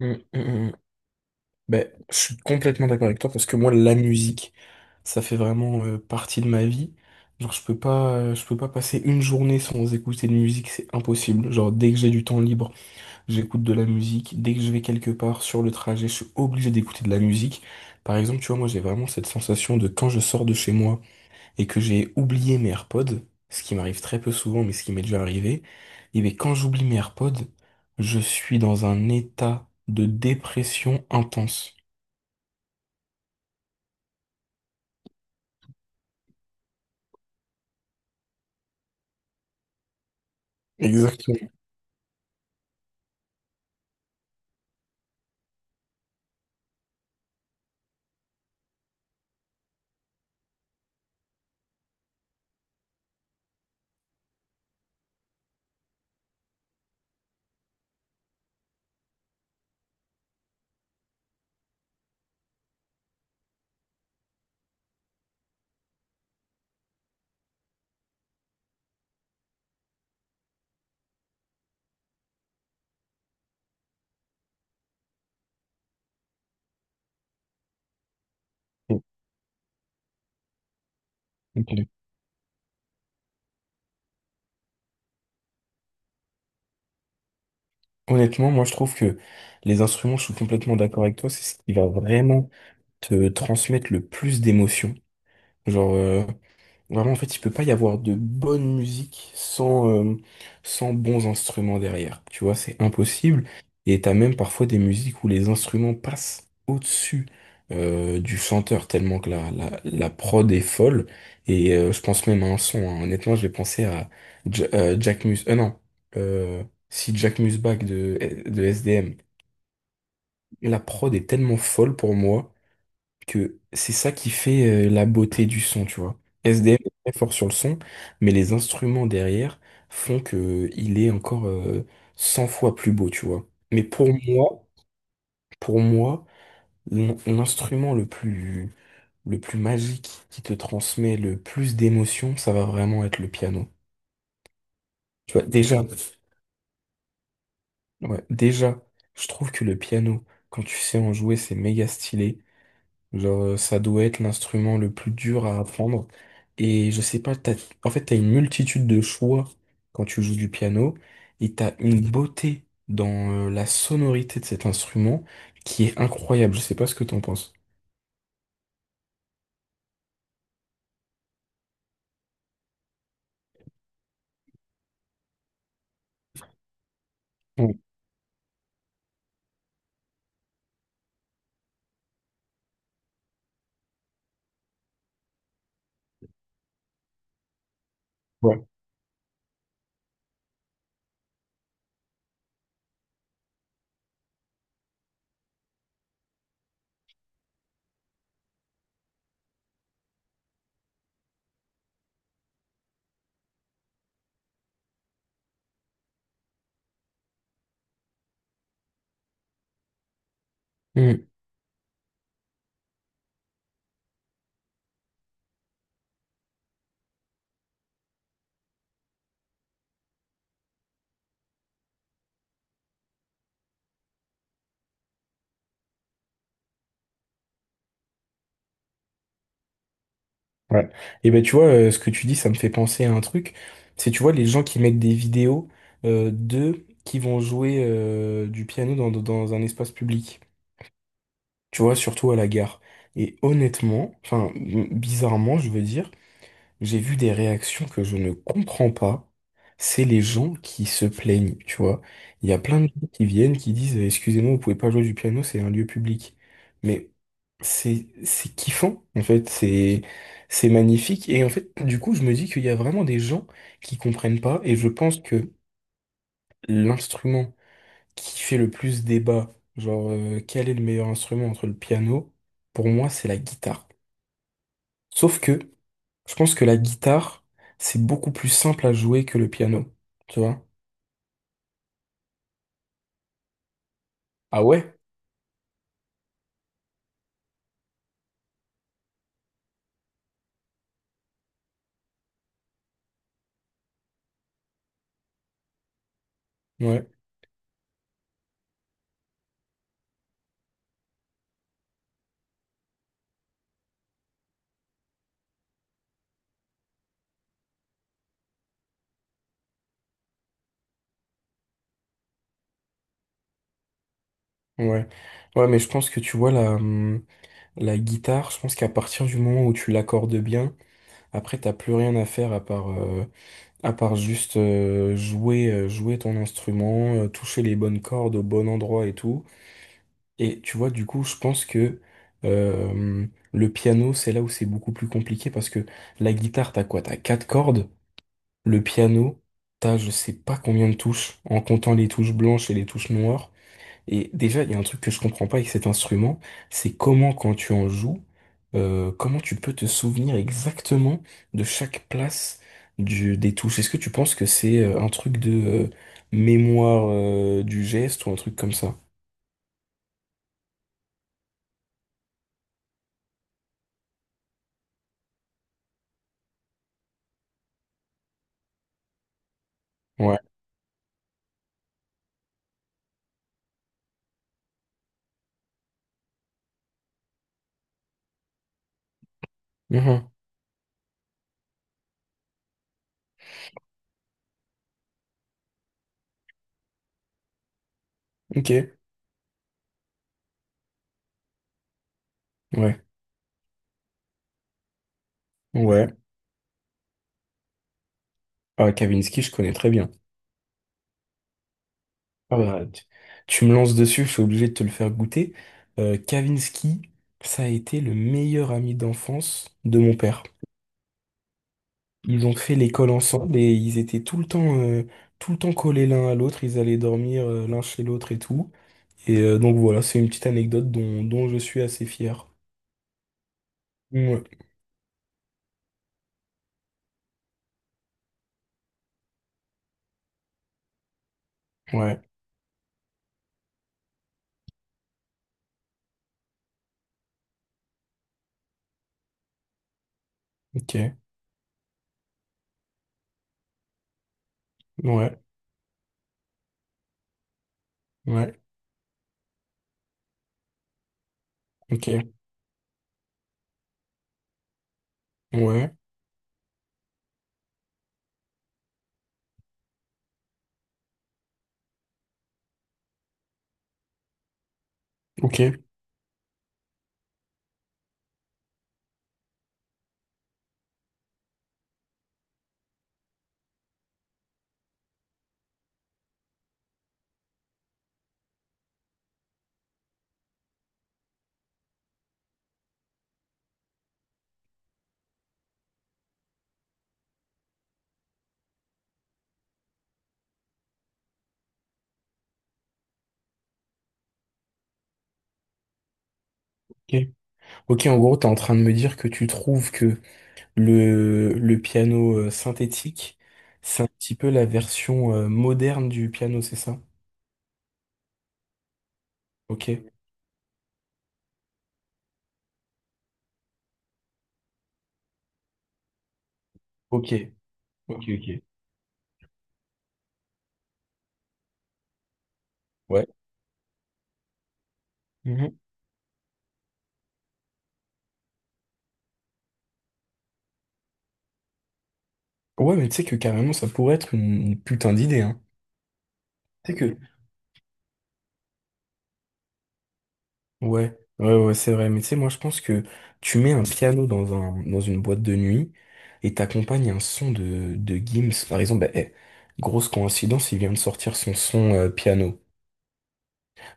Mm, mm, mm. Ben, je suis complètement d'accord avec toi parce que moi la musique ça fait vraiment partie de ma vie. Genre je peux pas passer une journée sans écouter de musique, c'est impossible. Genre dès que j'ai du temps libre, j'écoute de la musique, dès que je vais quelque part sur le trajet, je suis obligé d'écouter de la musique. Par exemple, tu vois, moi j'ai vraiment cette sensation de quand je sors de chez moi et que j'ai oublié mes AirPods, ce qui m'arrive très peu souvent, mais ce qui m'est déjà arrivé, et bien quand j'oublie mes AirPods, je suis dans un état de dépression intense. Exactement. Ok. Honnêtement, moi je trouve que les instruments, je suis complètement d'accord avec toi, c'est ce qui va vraiment te transmettre le plus d'émotions. Genre, vraiment, en fait, il peut pas y avoir de bonne musique sans bons instruments derrière. Tu vois, c'est impossible. Et t'as même parfois des musiques où les instruments passent au-dessus du chanteur, tellement que la prod est folle. Et je pense même à un son, hein. Honnêtement, je vais penser à Jack Mus... non. Euh, Si Jack Musbach de S D M. La prod est tellement folle pour moi que c'est ça qui fait la beauté du son, tu vois. S SDM est très fort sur le son, mais les instruments derrière font que il est encore 100 fois plus beau, tu vois. Mais pour moi, l'instrument le plus magique qui te transmet le plus d'émotions, ça va vraiment être le piano. Tu vois, déjà, ouais, déjà, je trouve que le piano, quand tu sais en jouer, c'est méga stylé. Genre, ça doit être l'instrument le plus dur à apprendre. Et je sais pas, t'as, en fait, t'as une multitude de choix quand tu joues du piano et t'as une beauté dans la sonorité de cet instrument qui est incroyable. Je sais pas ce que t'en penses. Mm, ouais. Mm, ouais. Et ben, tu vois, ce que tu dis, ça me fait penser à un truc. C'est, tu vois, les gens qui mettent des vidéos d'eux qui vont jouer du piano dans un espace public. Tu vois, surtout à la gare. Et honnêtement, enfin, bizarrement, je veux dire, j'ai vu des réactions que je ne comprends pas. C'est les gens qui se plaignent, tu vois. Il y a plein de gens qui viennent, qui disent, «Eh, excusez-moi, vous pouvez pas jouer du piano, c'est un lieu public. Mais c'est kiffant, en fait, c'est magnifique. Et en fait, du coup, je me dis qu'il y a vraiment des gens qui comprennent pas, et je pense que l'instrument qui fait le plus débat, genre quel est le meilleur instrument entre le piano, pour moi c'est la guitare. Sauf que je pense que la guitare, c'est beaucoup plus simple à jouer que le piano, tu vois? Ah ouais? Ouais, ouais. Ouais, mais je pense que tu vois la guitare, je pense qu'à partir du moment où tu l'accordes bien, après t'as plus rien à faire à part, à part juste jouer ton instrument, toucher les bonnes cordes au bon endroit et tout. Et tu vois, du coup, je pense que euh, le piano, c'est là où c'est beaucoup plus compliqué parce que la guitare, t'as quoi? T'as quatre cordes. Le piano, t'as je sais pas combien de touches en comptant les touches blanches et les touches noires. Et déjà, il y a un truc que je comprends pas avec cet instrument, c'est comment quand tu en joues, comment tu peux te souvenir exactement de chaque place du, des touches. Est-ce que tu penses que c'est un truc de mémoire du geste ou un truc comme ça? Ouais. Mhm. Ok. Ouais. Ouais. Ah, Kavinsky, je connais très bien. Ah bah, tu me lances dessus, je suis obligé de te le faire goûter. Kavinsky, ça a été le meilleur ami d'enfance de mon père. Ils ont fait l'école ensemble et ils étaient tout le temps collés l'un à l'autre. Ils allaient dormir, l'un chez l'autre et tout. Et donc voilà, c'est une petite anecdote dont je suis assez fier. Ouais. Ouais. Ok. Ouais. Ouais. Ok. Ouais. Ok. Ok. Ok, en gros, t'es en train de me dire que tu trouves que le piano synthétique, c'est un petit peu la version moderne du piano, c'est ça? Ok, ok, ok, ok. Ouais. Mhm. Ouais, mais tu sais que carrément, ça pourrait être une putain d'idée, hein. Tu sais que... Ouais, ouais, ouais, c'est vrai. Mais tu sais, moi, je pense que tu mets un piano dans un, dans une boîte de nuit et t'accompagnes un son de, Gims. Par exemple, bah, eh, grosse coïncidence, il vient de sortir son son piano.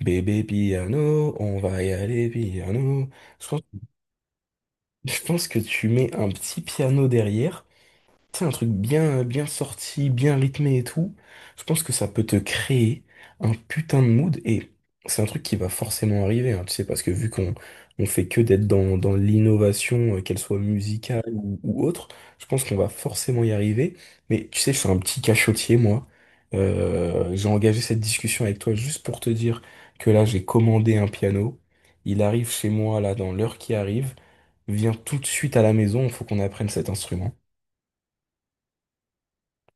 Bébé piano, on va y aller piano. Je pense Je pense que tu mets un petit piano derrière, tu sais, un truc bien, bien sorti, bien rythmé et tout. Je pense que ça peut te créer un putain de mood et c'est un truc qui va forcément arriver, hein, tu sais, parce que vu qu'on fait que d'être dans l'innovation, qu'elle soit musicale ou autre, je pense qu'on va forcément y arriver. Mais tu sais, je suis un petit cachotier, moi. J'ai engagé cette discussion avec toi juste pour te dire que là, j'ai commandé un piano. Il arrive chez moi, là, dans l'heure qui arrive. Viens tout de suite à la maison, il faut qu'on apprenne cet instrument.